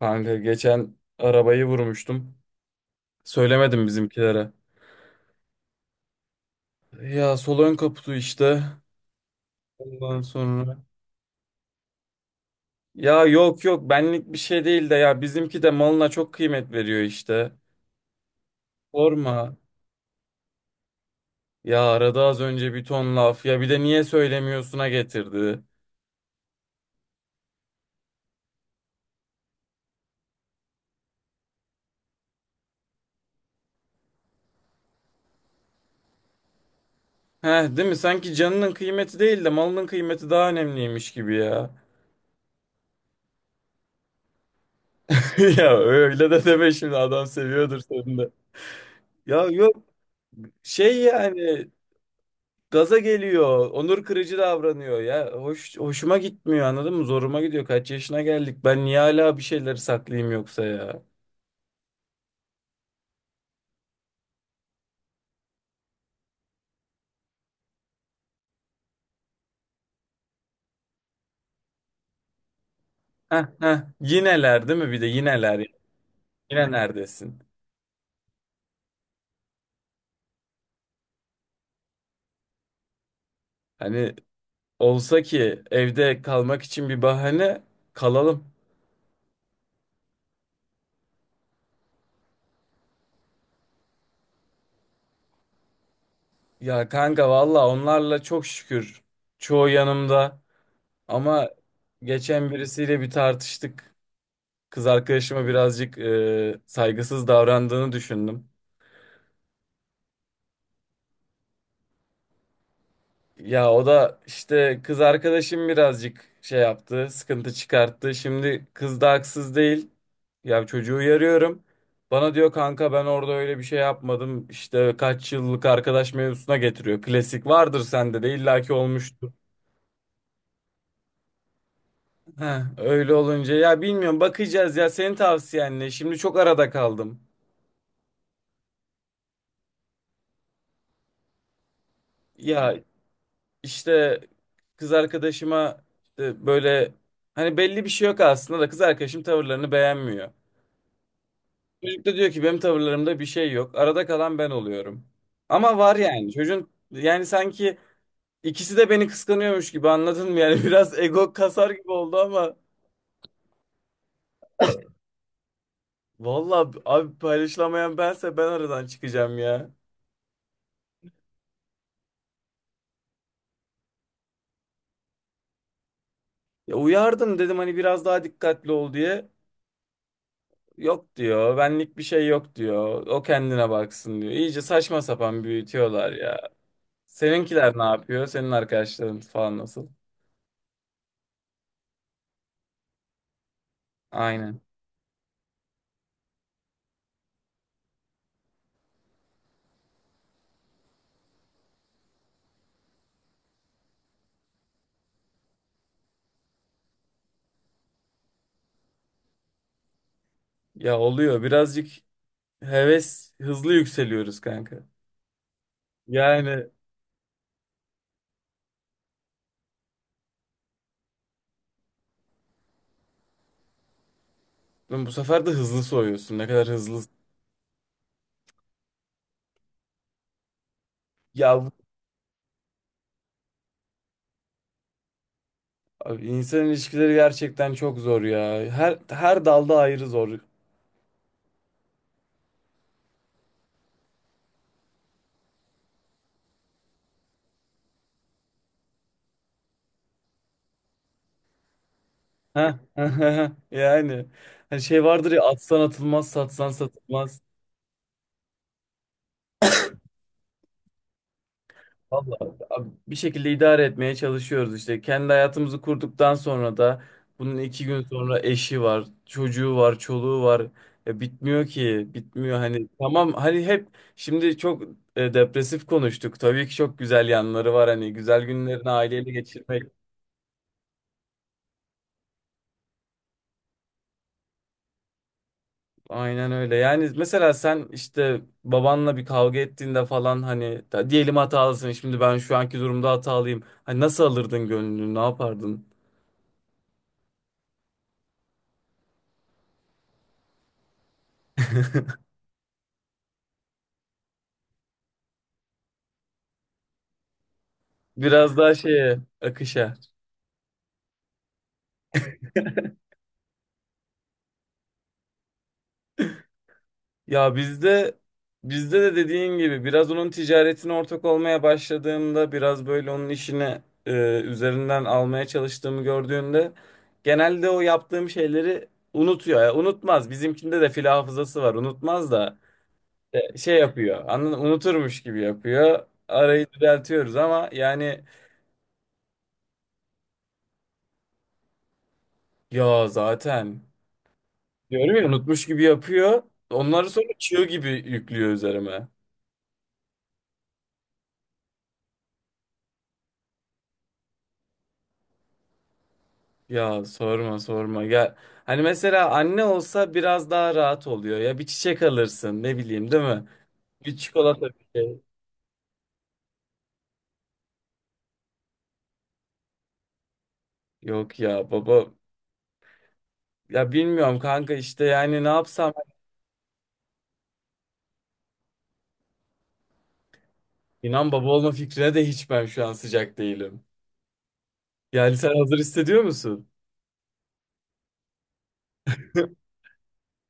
Kanka geçen arabayı vurmuştum. Söylemedim bizimkilere. Ya sol ön kaputu işte. Ondan sonra. Ya yok yok benlik bir şey değil de ya bizimki de malına çok kıymet veriyor işte. Sorma. Ya arada az önce bir ton laf ya bir de niye söylemiyorsuna getirdi. Heh, değil mi? Sanki canının kıymeti değil de malının kıymeti daha önemliymiş gibi ya. Ya öyle de deme şimdi, adam seviyordur seni de. Ya yok, şey yani gaza geliyor. Onur kırıcı davranıyor ya. Hoşuma gitmiyor, anladın mı? Zoruma gidiyor. Kaç yaşına geldik. Ben niye hala bir şeyleri saklayayım yoksa ya? Heh, heh. Yineler değil mi? Bir de yineler ya. Yine neredesin? Hani olsa ki evde kalmak için bir bahane, kalalım. Ya kanka, valla onlarla çok şükür. Çoğu yanımda. Ama geçen birisiyle bir tartıştık. Kız arkadaşıma birazcık saygısız davrandığını düşündüm. Ya o da işte, kız arkadaşım birazcık şey yaptı, sıkıntı çıkarttı. Şimdi kız da haksız değil. Ya çocuğu uyarıyorum. Bana diyor kanka, ben orada öyle bir şey yapmadım. İşte kaç yıllık arkadaş mevzusuna getiriyor. Klasik, vardır sende de illaki olmuştur. Heh, öyle olunca ya bilmiyorum, bakacağız ya senin tavsiyenle. Şimdi çok arada kaldım. Ya işte, kız arkadaşıma işte böyle, hani belli bir şey yok aslında da kız arkadaşım tavırlarını beğenmiyor. Çocuk da diyor ki benim tavırlarımda bir şey yok. Arada kalan ben oluyorum. Ama var yani. Çocuğun yani sanki ikisi de beni kıskanıyormuş gibi, anladın mı? Yani biraz ego kasar gibi oldu ama valla abi, paylaşılamayan bense, ben aradan çıkacağım ya. Ya uyardım, dedim hani biraz daha dikkatli ol diye. Yok diyor. Benlik bir şey yok diyor. O kendine baksın diyor. İyice saçma sapan büyütüyorlar ya. Seninkiler ne yapıyor? Senin arkadaşların falan nasıl? Aynen. Ya oluyor birazcık, heves hızlı yükseliyoruz kanka. Yani bu sefer de hızlı soğuyorsun. Ne kadar hızlı. Ya bu- Abi, insan ilişkileri gerçekten çok zor ya. Her dalda ayrı zor. Ha, yani hani şey vardır ya, atsan atılmaz, satsan satılmaz. Vallahi abi, bir şekilde idare etmeye çalışıyoruz işte. Kendi hayatımızı kurduktan sonra da bunun iki gün sonra eşi var, çocuğu var, çoluğu var. Ya bitmiyor ki, bitmiyor hani. Tamam hani, hep şimdi çok depresif konuştuk. Tabii ki çok güzel yanları var, hani güzel günlerini aileyle geçirmek. Aynen öyle. Yani mesela sen işte babanla bir kavga ettiğinde falan hani, diyelim hatalısın. Şimdi ben şu anki durumda hatalıyım. Hani nasıl alırdın gönlünü, ne yapardın? Biraz daha şeye, akışa. Ya bizde Bizde de dediğin gibi biraz onun ticaretine ortak olmaya başladığımda, biraz böyle onun işini üzerinden almaya çalıştığımı gördüğünde genelde o yaptığım şeyleri unutuyor. Ya unutmaz. Bizimkinde de fil hafızası var. Unutmaz da şey yapıyor. Anladın, unuturmuş gibi yapıyor. Arayı düzeltiyoruz ama yani, ya zaten diyorum ya, unutmuş gibi yapıyor. Onları sonra çığ gibi yüklüyor üzerime. Ya sorma sorma ya, hani mesela anne olsa biraz daha rahat oluyor ya, bir çiçek alırsın ne bileyim, değil mi? Bir çikolata, bir şey. Yok ya, baba ya bilmiyorum kanka, işte yani ne yapsam, inan baba olma fikrine de hiç ben şu an sıcak değilim. Yani sen hazır hissediyor musun?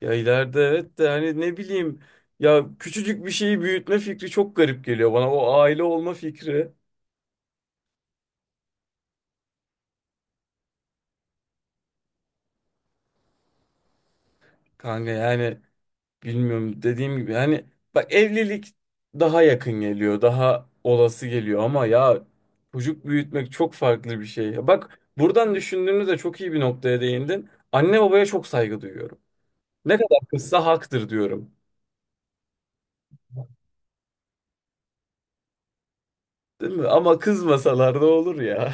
Ya ileride evet de hani ne bileyim, ya küçücük bir şeyi büyütme fikri çok garip geliyor bana, o aile olma fikri. Kanka yani bilmiyorum, dediğim gibi hani, bak evlilik daha yakın geliyor, daha olası geliyor ama ya çocuk büyütmek çok farklı bir şey. Bak buradan düşündüğümüzde çok iyi bir noktaya değindin. Anne babaya çok saygı duyuyorum. Ne kadar kızsa haktır diyorum. Değil mi? Ama kızmasalar da olur ya.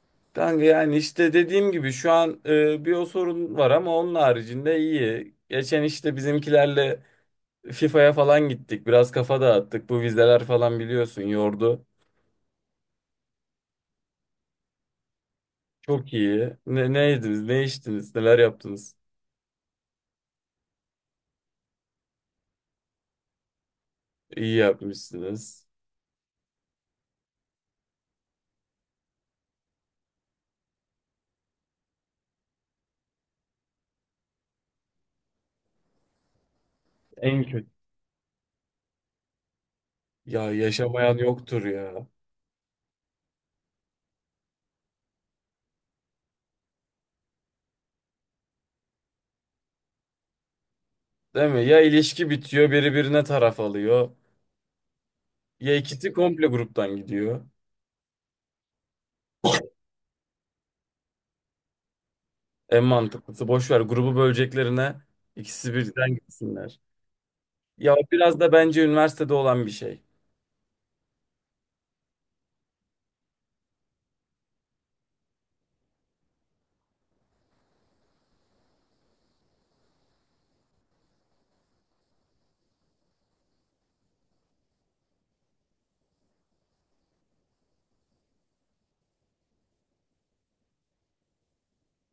Kanka yani işte dediğim gibi, şu an bir o sorun var ama onun haricinde iyi. Geçen işte bizimkilerle FIFA'ya falan gittik. Biraz kafa dağıttık. Bu vizeler falan biliyorsun yordu. Çok iyi. Ne yediniz, ne içtiniz, neler yaptınız? İyi yapmışsınız. En kötü. Ya yaşamayan yoktur ya. Değil mi? Ya ilişki bitiyor, biri birine taraf alıyor. Ya ikisi komple gruptan gidiyor. En mantıklısı, boş ver grubu böleceklerine, ikisi birden gitsinler. Ya o biraz da bence üniversitede olan bir şey.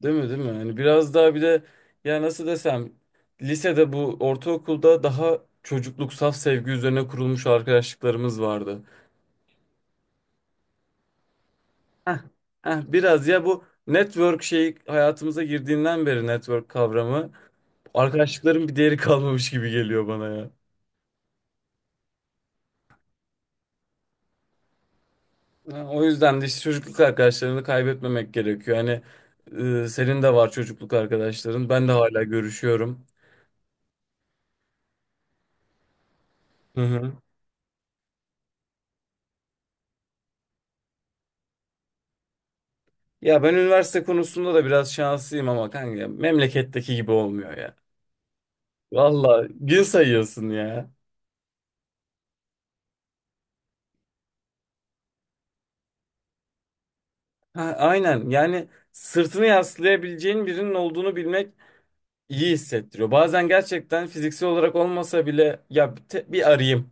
Değil mi? Hani biraz daha bir de, ya nasıl desem, lisede, bu ortaokulda daha çocukluk, saf sevgi üzerine kurulmuş arkadaşlıklarımız vardı. Heh, heh, biraz ya, bu network şeyi hayatımıza girdiğinden beri network kavramı, arkadaşlıkların bir değeri kalmamış gibi geliyor bana ya. Ha, o yüzden de işte çocukluk arkadaşlarını kaybetmemek gerekiyor. Hani senin de var çocukluk arkadaşların. Ben de hala görüşüyorum. Hı hı. Ya ben üniversite konusunda da biraz şanslıyım ama kanka, memleketteki gibi olmuyor ya. Valla gün sayıyorsun ya. Ha, aynen, yani sırtını yaslayabileceğin birinin olduğunu bilmek iyi hissettiriyor. Bazen gerçekten fiziksel olarak olmasa bile ya, bir arayayım.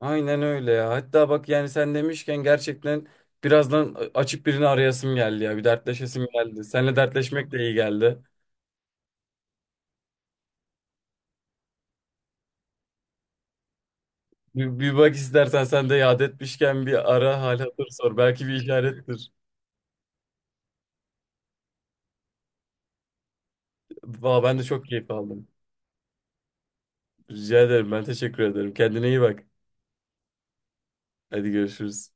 Aynen öyle ya. Hatta bak yani sen demişken, gerçekten birazdan açıp birini arayasım geldi ya. Bir dertleşesim geldi. Seninle dertleşmek de iyi geldi. Bir bak istersen, sen de yad etmişken bir ara hal hatır sor. Belki bir işarettir. Valla ben de çok keyif aldım. Rica ederim. Ben teşekkür ederim. Kendine iyi bak. Hadi görüşürüz.